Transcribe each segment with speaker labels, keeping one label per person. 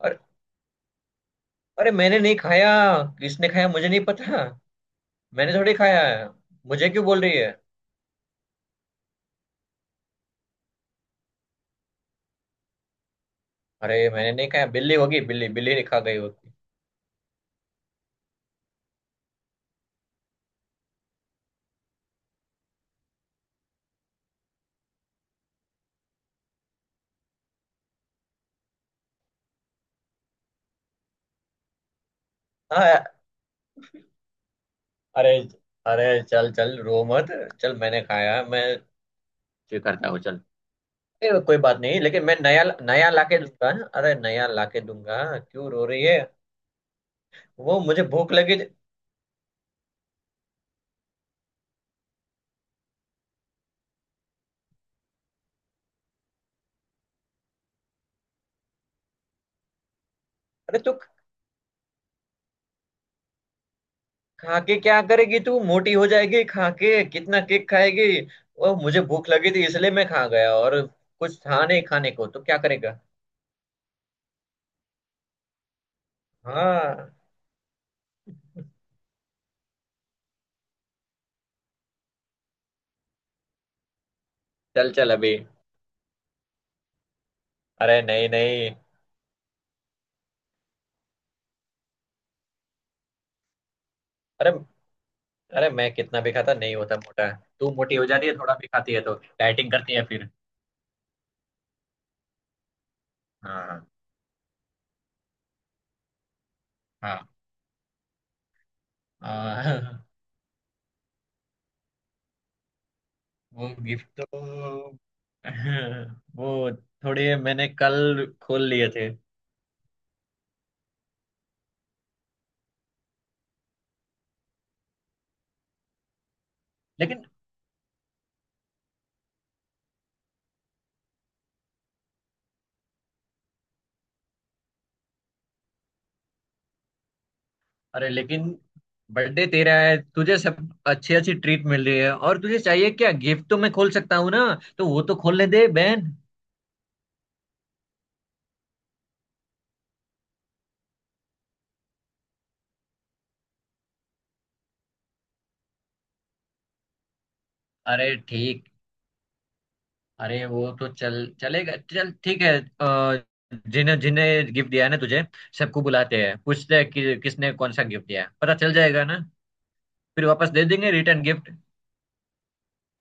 Speaker 1: और अरे, मैंने नहीं खाया। किसने खाया मुझे नहीं पता। मैंने थोड़ी खाया है। मुझे क्यों बोल रही है? अरे मैंने नहीं खाया, बिल्ली होगी, बिल्ली, बिल्ली ने खा गई होगी। हाँ। अरे अरे, चल चल, रो मत। चल मैंने खाया, मैं स्वीकारता हूँ, चल। कोई बात नहीं, लेकिन मैं नया नया लाके दूंगा। अरे नया लाके दूंगा, क्यों रो रही है? वो मुझे भूख लगी। अरे तू खा के क्या करेगी? तू मोटी हो जाएगी खा के, कितना केक खाएगी? वो मुझे भूख लगी थी इसलिए मैं खा गया, और कुछ था नहीं खाने को तो क्या करेगा। हाँ, चल चल अभी। अरे नहीं नहीं। अरे, अरे मैं कितना भी खाता नहीं होता मोटा। तू मोटी हो जाती है, थोड़ा भी खाती है तो डाइटिंग करती है फिर। हाँ हाँ, हाँ, वो गिफ्ट तो वो थोड़े मैंने कल खोल लिए थे। लेकिन अरे, लेकिन बर्थडे तेरा है, तुझे सब अच्छी अच्छी ट्रीट मिल रही है, और तुझे चाहिए क्या? गिफ्ट तो मैं खोल सकता हूँ ना। तो वो तो खोलने दे बहन। अरे ठीक, अरे वो तो चल, चलेगा, चल ठीक है। अ, जिन्हें जिन्हें गिफ्ट दिया है ना तुझे, सबको बुलाते हैं, पूछते हैं कि किसने कौन सा गिफ्ट दिया है, पता चल जाएगा ना। फिर वापस दे देंगे रिटर्न गिफ्ट।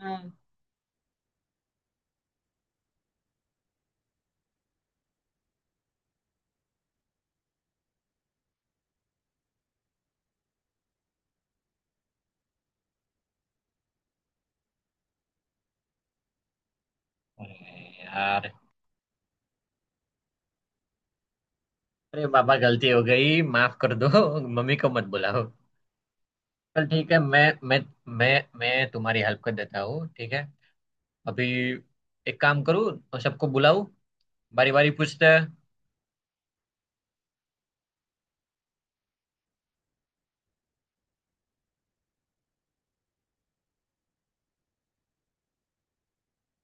Speaker 1: हाँ। अरे यार, अरे बाबा गलती हो गई, माफ कर दो। मम्मी को मत बुलाओ। चल ठीक है। मैं मैं मैं तुम्हारी हेल्प कर देता हूँ, ठीक है। अभी एक काम करूँ और सबको बुलाऊं, बारी बारी पूछते हैं।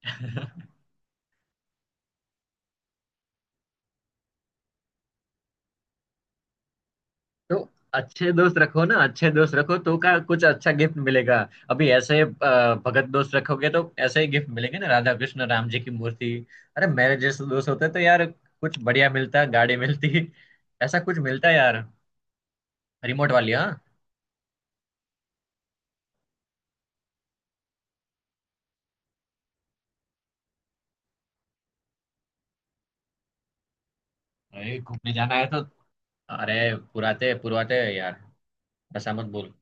Speaker 1: तो अच्छे दोस्त रखो ना, अच्छे दोस्त रखो तो का कुछ अच्छा गिफ्ट मिलेगा। अभी ऐसे भगत दोस्त रखोगे तो ऐसे ही गिफ्ट मिलेंगे ना, राधा कृष्ण राम जी की मूर्ति। अरे मेरे जैसे दोस्त होते तो यार कुछ बढ़िया मिलता, गाड़ी मिलती, ऐसा कुछ मिलता यार। रिमोट वाली हाँ। अरे घूमने जाना है तो अरे पुराते पुरवाते यार, ऐसा मत बोल।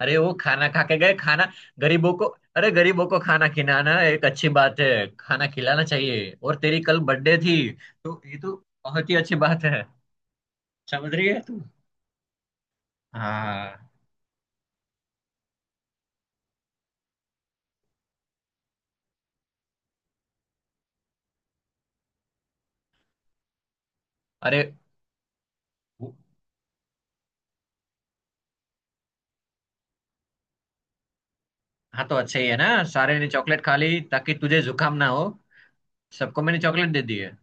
Speaker 1: अरे वो खाना खा के गए, खाना गरीबों को। अरे गरीबों को खाना खिलाना एक अच्छी बात है। खाना खिलाना चाहिए, और तेरी कल बर्थडे थी तो ये तो बहुत ही अच्छी बात है। समझ रही है तू? हाँ, अरे वो- हाँ, तो अच्छा ही है ना, सारे ने चॉकलेट खा ली ताकि तुझे जुकाम ना हो। सबको मैंने चॉकलेट दे दी है।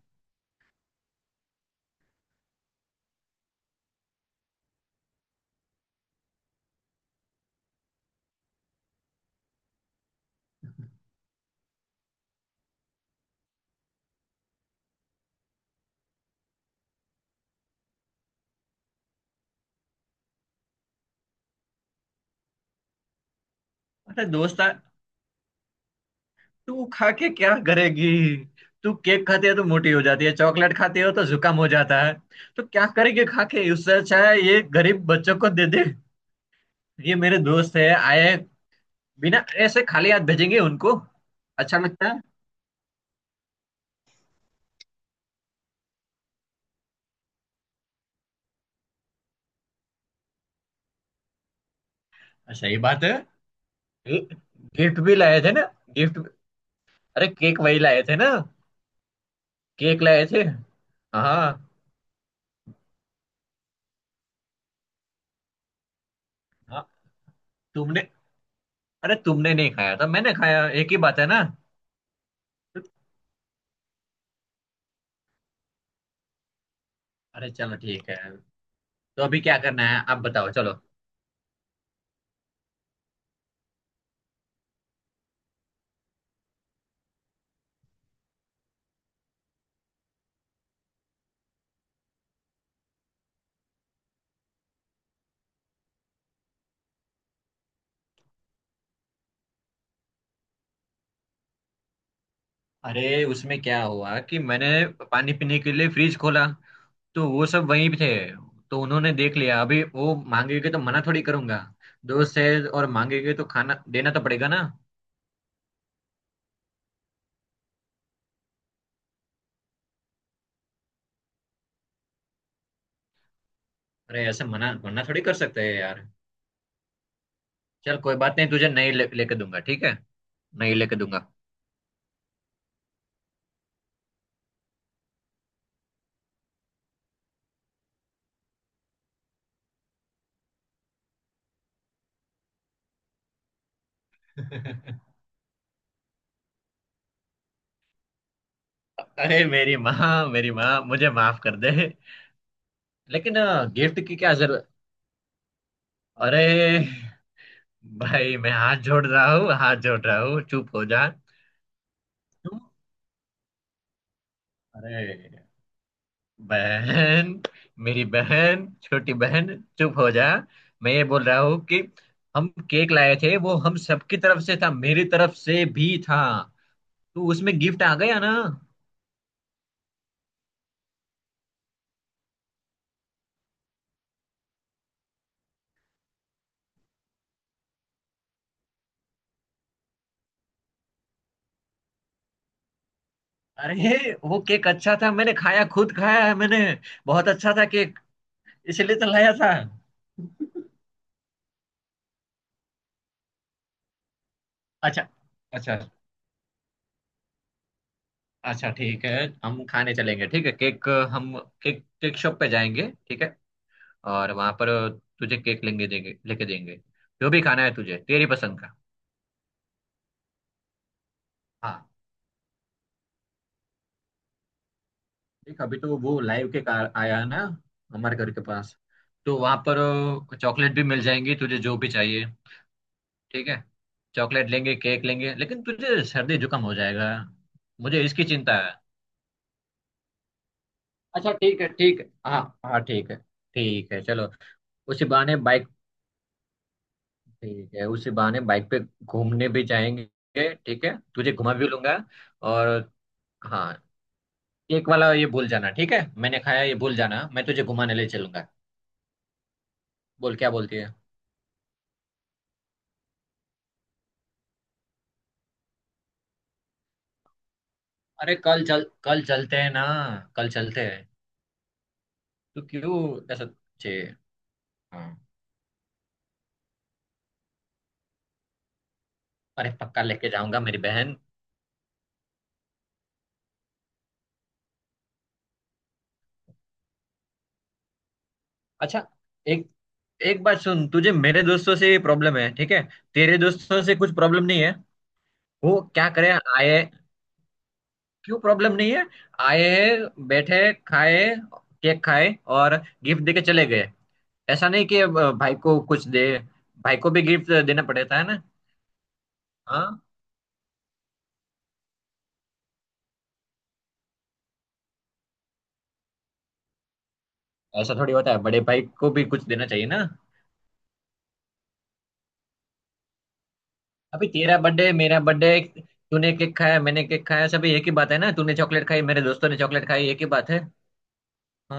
Speaker 1: अरे दोस्त, तू खा के क्या करेगी? तू केक खाती है तो मोटी हो जाती है, चॉकलेट खाती हो तो जुकाम हो जाता है, तो क्या करेगी खा के? उससे अच्छा है ये गरीब बच्चों को दे दे। ये मेरे दोस्त है, आए बिना ऐसे खाली हाथ भेजेंगे उनको, अच्छा लगता है? सही बात है, गिफ्ट भी लाए थे ना। गिफ्ट, अरे केक वही लाए थे ना। केक लाए थे। हाँ। हाँ, तुमने, अरे तुमने नहीं खाया था, मैंने खाया, एक ही बात है ना। अरे चलो ठीक है, तो अभी क्या करना है आप बताओ, चलो। अरे उसमें क्या हुआ कि मैंने पानी पीने के लिए फ्रिज खोला, तो वो सब वहीं पे थे, तो उन्होंने देख लिया। अभी वो मांगेंगे तो मना थोड़ी करूंगा, दोस्त है और मांगेंगे तो खाना देना तो पड़ेगा ना। अरे ऐसे मना मना थोड़ी कर सकते हैं यार। चल कोई बात नहीं, तुझे नहीं ले, लेके दूंगा, ठीक है, नहीं लेके दूंगा। अरे मेरी माँ, मेरी माँ मुझे माफ कर दे। लेकिन गिफ्ट की क्या जरूरत? अरे भाई मैं हाथ जोड़ रहा हूँ, हाथ जोड़ रहा हूँ, चुप हो जा तू। अरे बहन, मेरी बहन, छोटी बहन, चुप हो जा। मैं ये बोल रहा हूँ कि हम केक लाए थे, वो हम सबकी तरफ से था, मेरी तरफ से भी था, तो उसमें गिफ्ट आ गया ना। अरे वो केक अच्छा था, मैंने खाया, खुद खाया है मैंने, बहुत अच्छा था केक, इसलिए तो लाया था। अच्छा अच्छा, अच्छा ठीक है, हम खाने चलेंगे, ठीक है, केक हम केक, केक शॉप पे जाएंगे, ठीक है, और वहां पर तुझे केक लेंगे, देंगे, लेके देंगे, जो भी खाना है तुझे तेरी पसंद का। हाँ, देख अभी तो वो लाइव के कार आया है ना, हमारे घर के पास, तो वहां पर चॉकलेट भी मिल जाएंगी तुझे, जो भी चाहिए, ठीक है। चॉकलेट लेंगे, केक लेंगे, लेकिन तुझे सर्दी जुकाम हो जाएगा, मुझे इसकी चिंता है। अच्छा ठीक है ठीक है, हाँ हाँ ठीक है, ठीक है चलो, उसी बहाने बाइक, ठीक है उसी बहाने बाइक पे घूमने भी जाएंगे, ठीक है तुझे घुमा भी लूंगा। और हाँ, केक वाला ये भूल जाना, ठीक है, मैंने खाया ये भूल जाना, मैं तुझे घुमाने ले चलूंगा। बोल क्या बोलती है? अरे कल चल, कल चलते हैं ना, कल चलते हैं। तो क्यों, ऐसा छे, हाँ अरे पक्का लेके जाऊंगा मेरी बहन। अच्छा, एक, एक बात सुन, तुझे मेरे दोस्तों से प्रॉब्लम है ठीक है, तेरे दोस्तों से कुछ प्रॉब्लम नहीं है, वो क्या करे, आए, क्यों प्रॉब्लम नहीं है? आए, बैठे, खाए, केक खाए और गिफ्ट देके चले गए। ऐसा नहीं कि अब भाई को कुछ दे, भाई को भी गिफ्ट देना पड़ता है ना। हाँ, ऐसा थोड़ी होता है, बड़े भाई को भी कुछ देना चाहिए ना। अभी तेरा बर्थडे, मेरा बर्थडे, तूने केक खाया, मैंने केक खाया, सब एक ही बात है ना, तूने चॉकलेट खाई, मेरे दोस्तों ने चॉकलेट खाई, एक ही बात है।